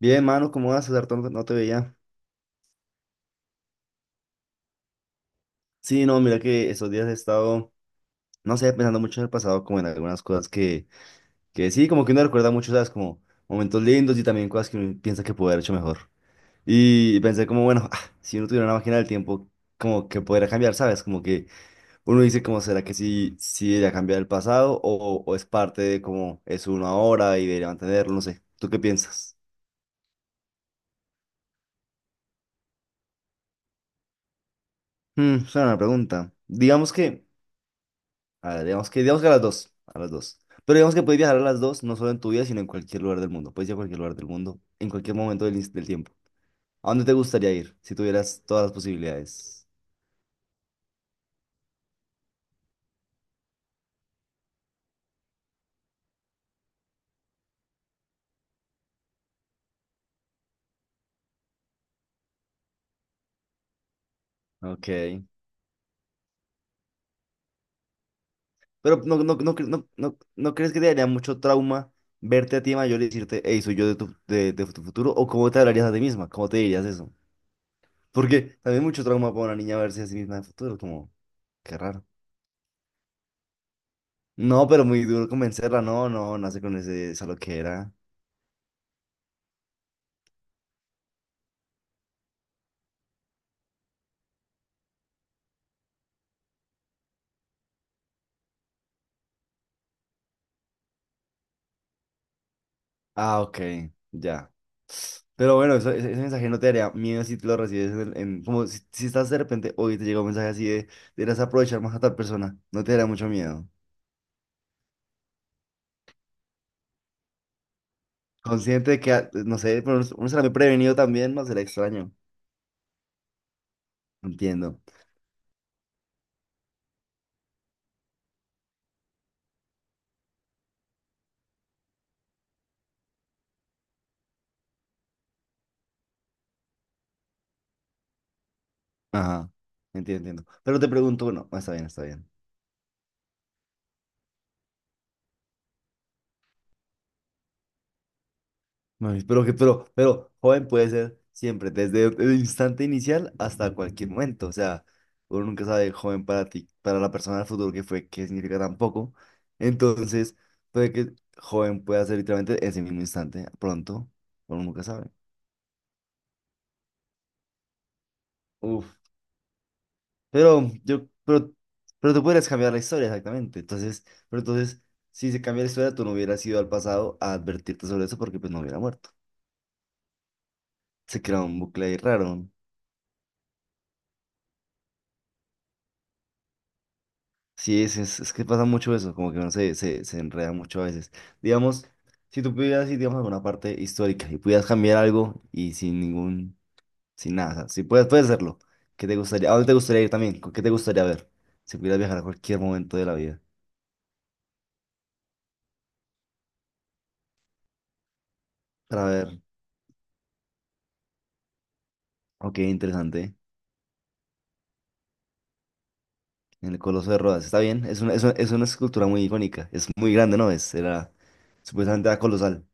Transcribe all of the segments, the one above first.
Bien, mano, ¿cómo vas, César? Tanto. No te veía. Sí, no, mira que estos días he estado, no sé, pensando mucho en el pasado, como en algunas cosas que sí, como que uno recuerda mucho, ¿sabes? Como momentos lindos y también cosas que uno piensa que pudo haber hecho mejor. Y pensé como, bueno, si uno tuviera una máquina del tiempo, como que podría cambiar, ¿sabes? Como que uno dice, como, ¿será que sí, sí debería cambiar el pasado o es parte de cómo es uno ahora y debería mantenerlo? No sé, ¿tú qué piensas? Es una buena pregunta. Digamos que a ver, digamos que a las dos, a las dos. Pero digamos que puedes viajar a las dos, no solo en tu vida, sino en cualquier lugar del mundo. Puedes ir a cualquier lugar del mundo, en cualquier momento del tiempo. ¿A dónde te gustaría ir si tuvieras todas las posibilidades? Ok. Pero ¿no crees que te daría mucho trauma verte a ti mayor y decirte, hey, soy yo de tu futuro? ¿O cómo te hablarías a ti misma? ¿Cómo te dirías eso? Porque también es mucho trauma para una niña verse a sí misma en el futuro, como, qué raro. No, pero muy duro convencerla, no, no, nace con esa loquera. Ah, ok, ya. Pero bueno, ese mensaje no te daría miedo si te lo recibes como si estás de repente hoy te llega un mensaje así de, deberás aprovechar más a tal persona, no te daría mucho miedo. Consciente de que, no sé, pero uno será muy prevenido también, no será extraño. Entiendo. Ajá, entiendo. Pero te pregunto, bueno, está bien, está bien. Ay, pero joven puede ser siempre, desde el instante inicial hasta cualquier momento. O sea, uno nunca sabe joven para ti, para la persona del futuro que fue, qué significa tampoco. Entonces, puede que joven pueda ser literalmente ese mismo instante, pronto, uno nunca sabe. Uf, pero yo, pero, pero tú puedes cambiar la historia exactamente. Entonces, pero entonces, si se cambia la historia, tú no hubieras ido al pasado a advertirte sobre eso porque pues no hubiera muerto. Se crea un bucle ahí raro. Sí, es que pasa mucho eso, como que uno se enreda mucho a veces. Digamos, si tú pudieras ir, digamos, a alguna parte histórica y pudieras cambiar algo y sin ningún, sin nada, o sea, si puedes hacerlo, ¿qué te gustaría? ¿A dónde te gustaría ir también? ¿Con qué te gustaría ver? Si pudieras viajar a cualquier momento de la vida para ver, ok, interesante, en el Coloso de Rodas, está bien, es una escultura muy icónica, es muy grande, ¿no? Supuestamente era colosal.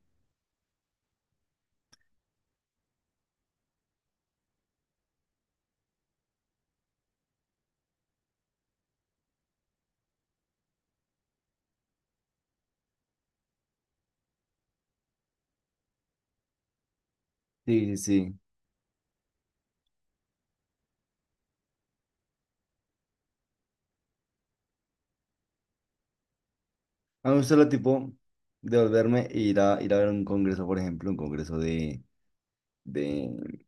Sí, sí, sí. A mí me gusta el tipo de volverme e ir a, ver un congreso, por ejemplo, un congreso de,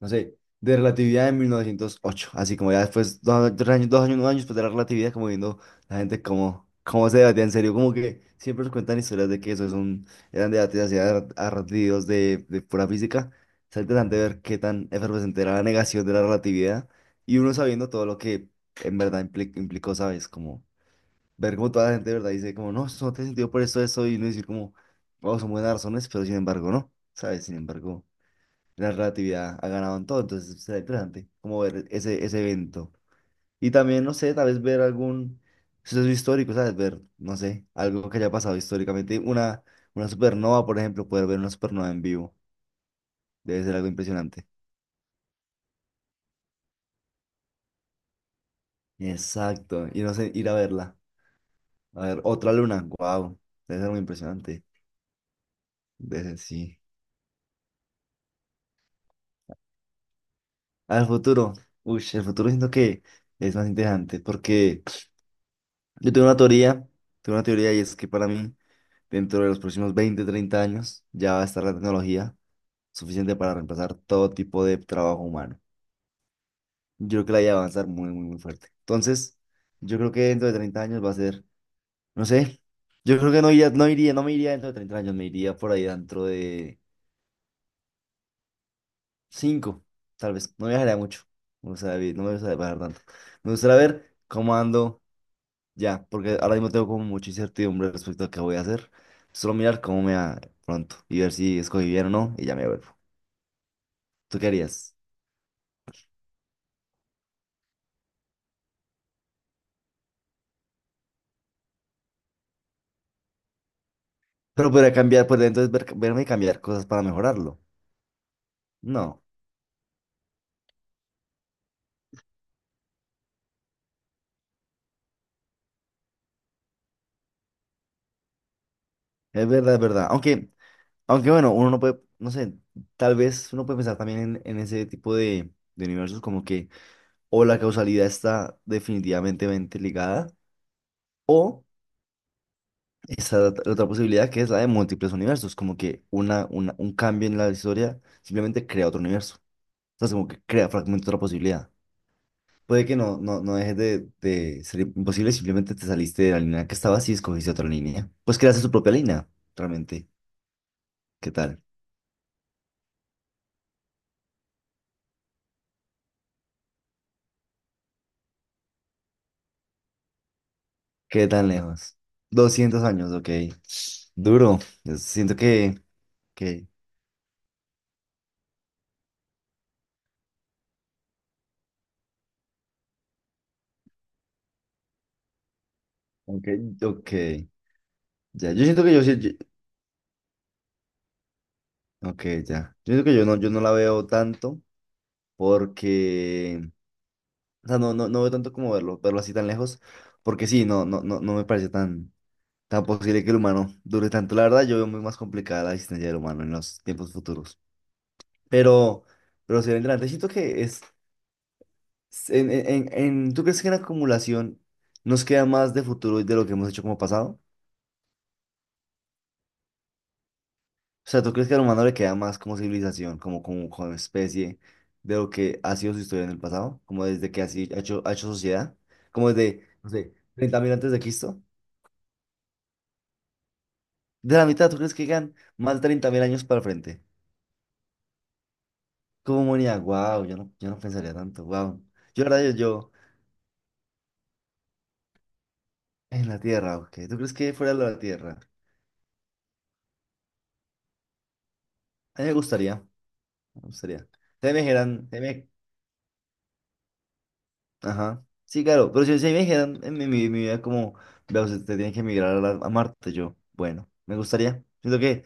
no sé, de relatividad de 1908. Así como ya después, dos, tres años, dos años, un año después de la relatividad, como viendo la gente cómo se debatía en serio. Como que siempre nos cuentan historias de que eso eran debates así ardidos de pura física. Es interesante ver qué tan efervescente era la negación de la relatividad y uno sabiendo todo lo que en verdad implicó, ¿sabes? Como ver cómo toda la gente de verdad dice como, no, eso no tiene sentido por esto, eso, y no decir como, oh, son buenas razones, pero sin embargo, no, ¿sabes? Sin embargo. La relatividad ha ganado en todo, entonces será interesante como ver ese evento. Y también, no sé, tal vez ver algún suceso histórico, ¿sabes? Ver, no sé, algo que haya pasado históricamente. Una supernova, por ejemplo, poder ver una supernova en vivo. Debe ser algo impresionante. Exacto. Y no sé, ir a verla. A ver, otra luna. Wow. Debe ser muy impresionante. Debe ser, sí. Al futuro. Uy, el futuro siento que es más interesante porque yo tengo una teoría y es que para mí. Dentro de los próximos 20-30 años ya va a estar la tecnología suficiente para reemplazar todo tipo de trabajo humano. Yo creo que la IA va a avanzar muy, muy, muy fuerte. Entonces, yo creo que dentro de 30 años va a ser, no sé, yo creo que no iría, no iría, no me iría dentro de 30 años, me iría por ahí dentro de 5 tal vez. No viajaría mucho, o sea, no me gustaría viajar tanto. Me gustaría ver cómo ando ya, porque ahora mismo tengo como mucha incertidumbre respecto a qué voy a hacer. Solo mirar cómo me va pronto y ver si escogí bien o no y ya me vuelvo. ¿Tú qué harías? Pero podría cambiar, podría entonces verme y cambiar cosas para mejorarlo. No, es verdad, es verdad. Aunque bueno, uno no puede, no sé, tal vez uno puede pensar también en ese tipo de universos como que o la causalidad está definitivamente mente ligada o esa la otra posibilidad que es la de múltiples universos, como que un cambio en la historia simplemente crea otro universo. Entonces como que crea fragmentos de otra posibilidad. Puede que no dejes de ser imposible, simplemente te saliste de la línea que estabas y escogiste otra línea. Pues creaste tu propia línea, realmente. ¿Qué tal? ¿Qué tan lejos? 200 años, ok. Duro. Yo siento que, ok, ok. Ya, yo siento que yo, ok, ya. Yo siento que yo no, yo no la veo tanto porque, o sea, no, no, no veo tanto como verlo así tan lejos, porque sí, no, no, no, no me parece tan posible que el humano dure tanto. La verdad, yo veo muy más complicada la existencia del humano en los tiempos futuros. Pero, pero si adelante, siento que es, ¿tú crees que en acumulación nos queda más de futuro de lo que hemos hecho como pasado? O sea, ¿tú crees que al humano le queda más como civilización, como especie, de lo que ha sido su historia en el pasado? Como desde que así ha hecho sociedad, como desde, no sé, 30.000 antes de Cristo. De la mitad, ¿tú crees que llegan más de 30.000 años para el frente? Como humanidad, wow, yo no, yo no pensaría tanto, wow. Yo, la verdad, yo, en la Tierra, ok. ¿Tú crees que fuera de la Tierra? A mí me gustaría, me gustaría. Si me dijeran, si me- ajá, sí, claro, pero si me dijeran en mi, mi vida como, veo, usted tiene que emigrar a Marte, yo, bueno, me gustaría. Siento que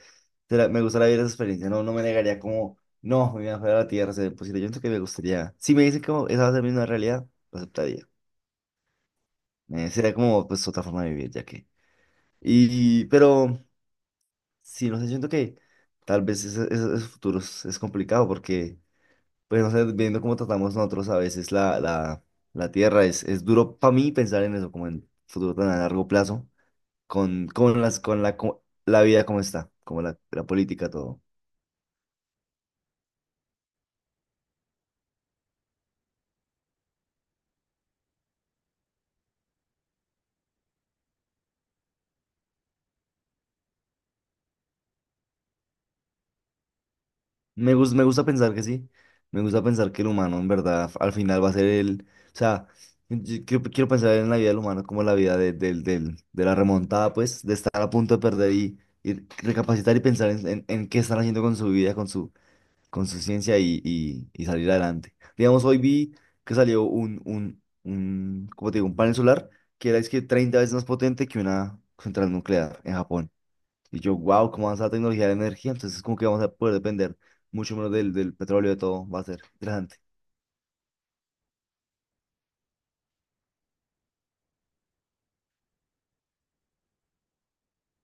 me gustaría vivir esa experiencia, no, no me negaría como, no, mi vida fuera de la Tierra sería imposible. Yo siento que me gustaría. Si me dicen como, esa va a ser mi nueva realidad, lo aceptaría. Sería como, pues, otra forma de vivir, ya que. Y, pero. Sí, no sé, siento que tal vez ese futuro es complicado porque, pues no sé, viendo cómo tratamos nosotros a veces la, tierra, es duro para mí pensar en eso, como en futuro tan a largo plazo, con, las, con la, co- la vida como está, como la política, todo. Me gusta pensar que sí. Me gusta pensar que el humano, en verdad, al final va a ser el. O sea, yo quiero pensar en la vida del humano como la vida de la remontada, pues, de estar a punto de perder y recapacitar y pensar en qué están haciendo con su vida, con su ciencia y salir adelante. Digamos, hoy vi que salió un, ¿cómo te digo? Un panel solar que era es que 30 veces más potente que una central nuclear en Japón. Y yo, wow, ¿cómo avanza la tecnología de la energía? Entonces, como que vamos a poder depender mucho menos del petróleo, de todo. Va a ser interesante.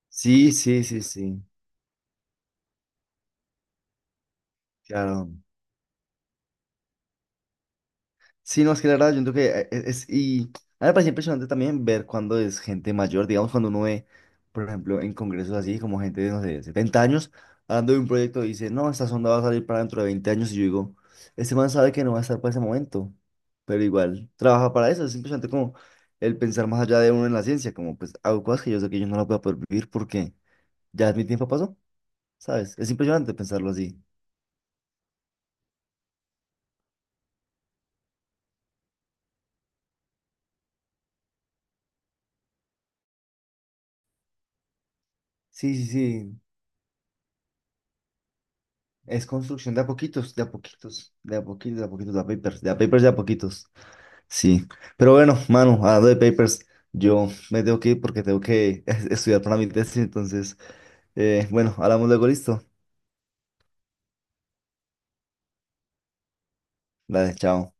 Sí, sí, sí, sí. Claro. Sí, no, es que la verdad, yo creo que y a mí me parece impresionante también ver cuando es gente mayor, digamos, cuando uno ve, por ejemplo, en congresos así, como gente de, no sé, 70 años, hablando de un proyecto, y dice, no, esta sonda va a salir para dentro de 20 años, y yo digo, este man sabe que no va a estar para ese momento, pero igual trabaja para eso, es impresionante como el pensar más allá de uno en la ciencia, como pues hago cosas que yo sé que yo no las voy a poder vivir porque ya mi tiempo pasó, ¿sabes? Es impresionante pensarlo así. Sí, sí, sí. Es construcción de a poquitos, de a poquitos, de a poquitos, de a poquitos, de a papers, de a papers, de a poquitos. Sí. Pero bueno, mano, hablando de papers, yo me tengo que ir porque tengo que estudiar para mi tesis. Entonces, bueno, hablamos luego, listo. Dale, chao.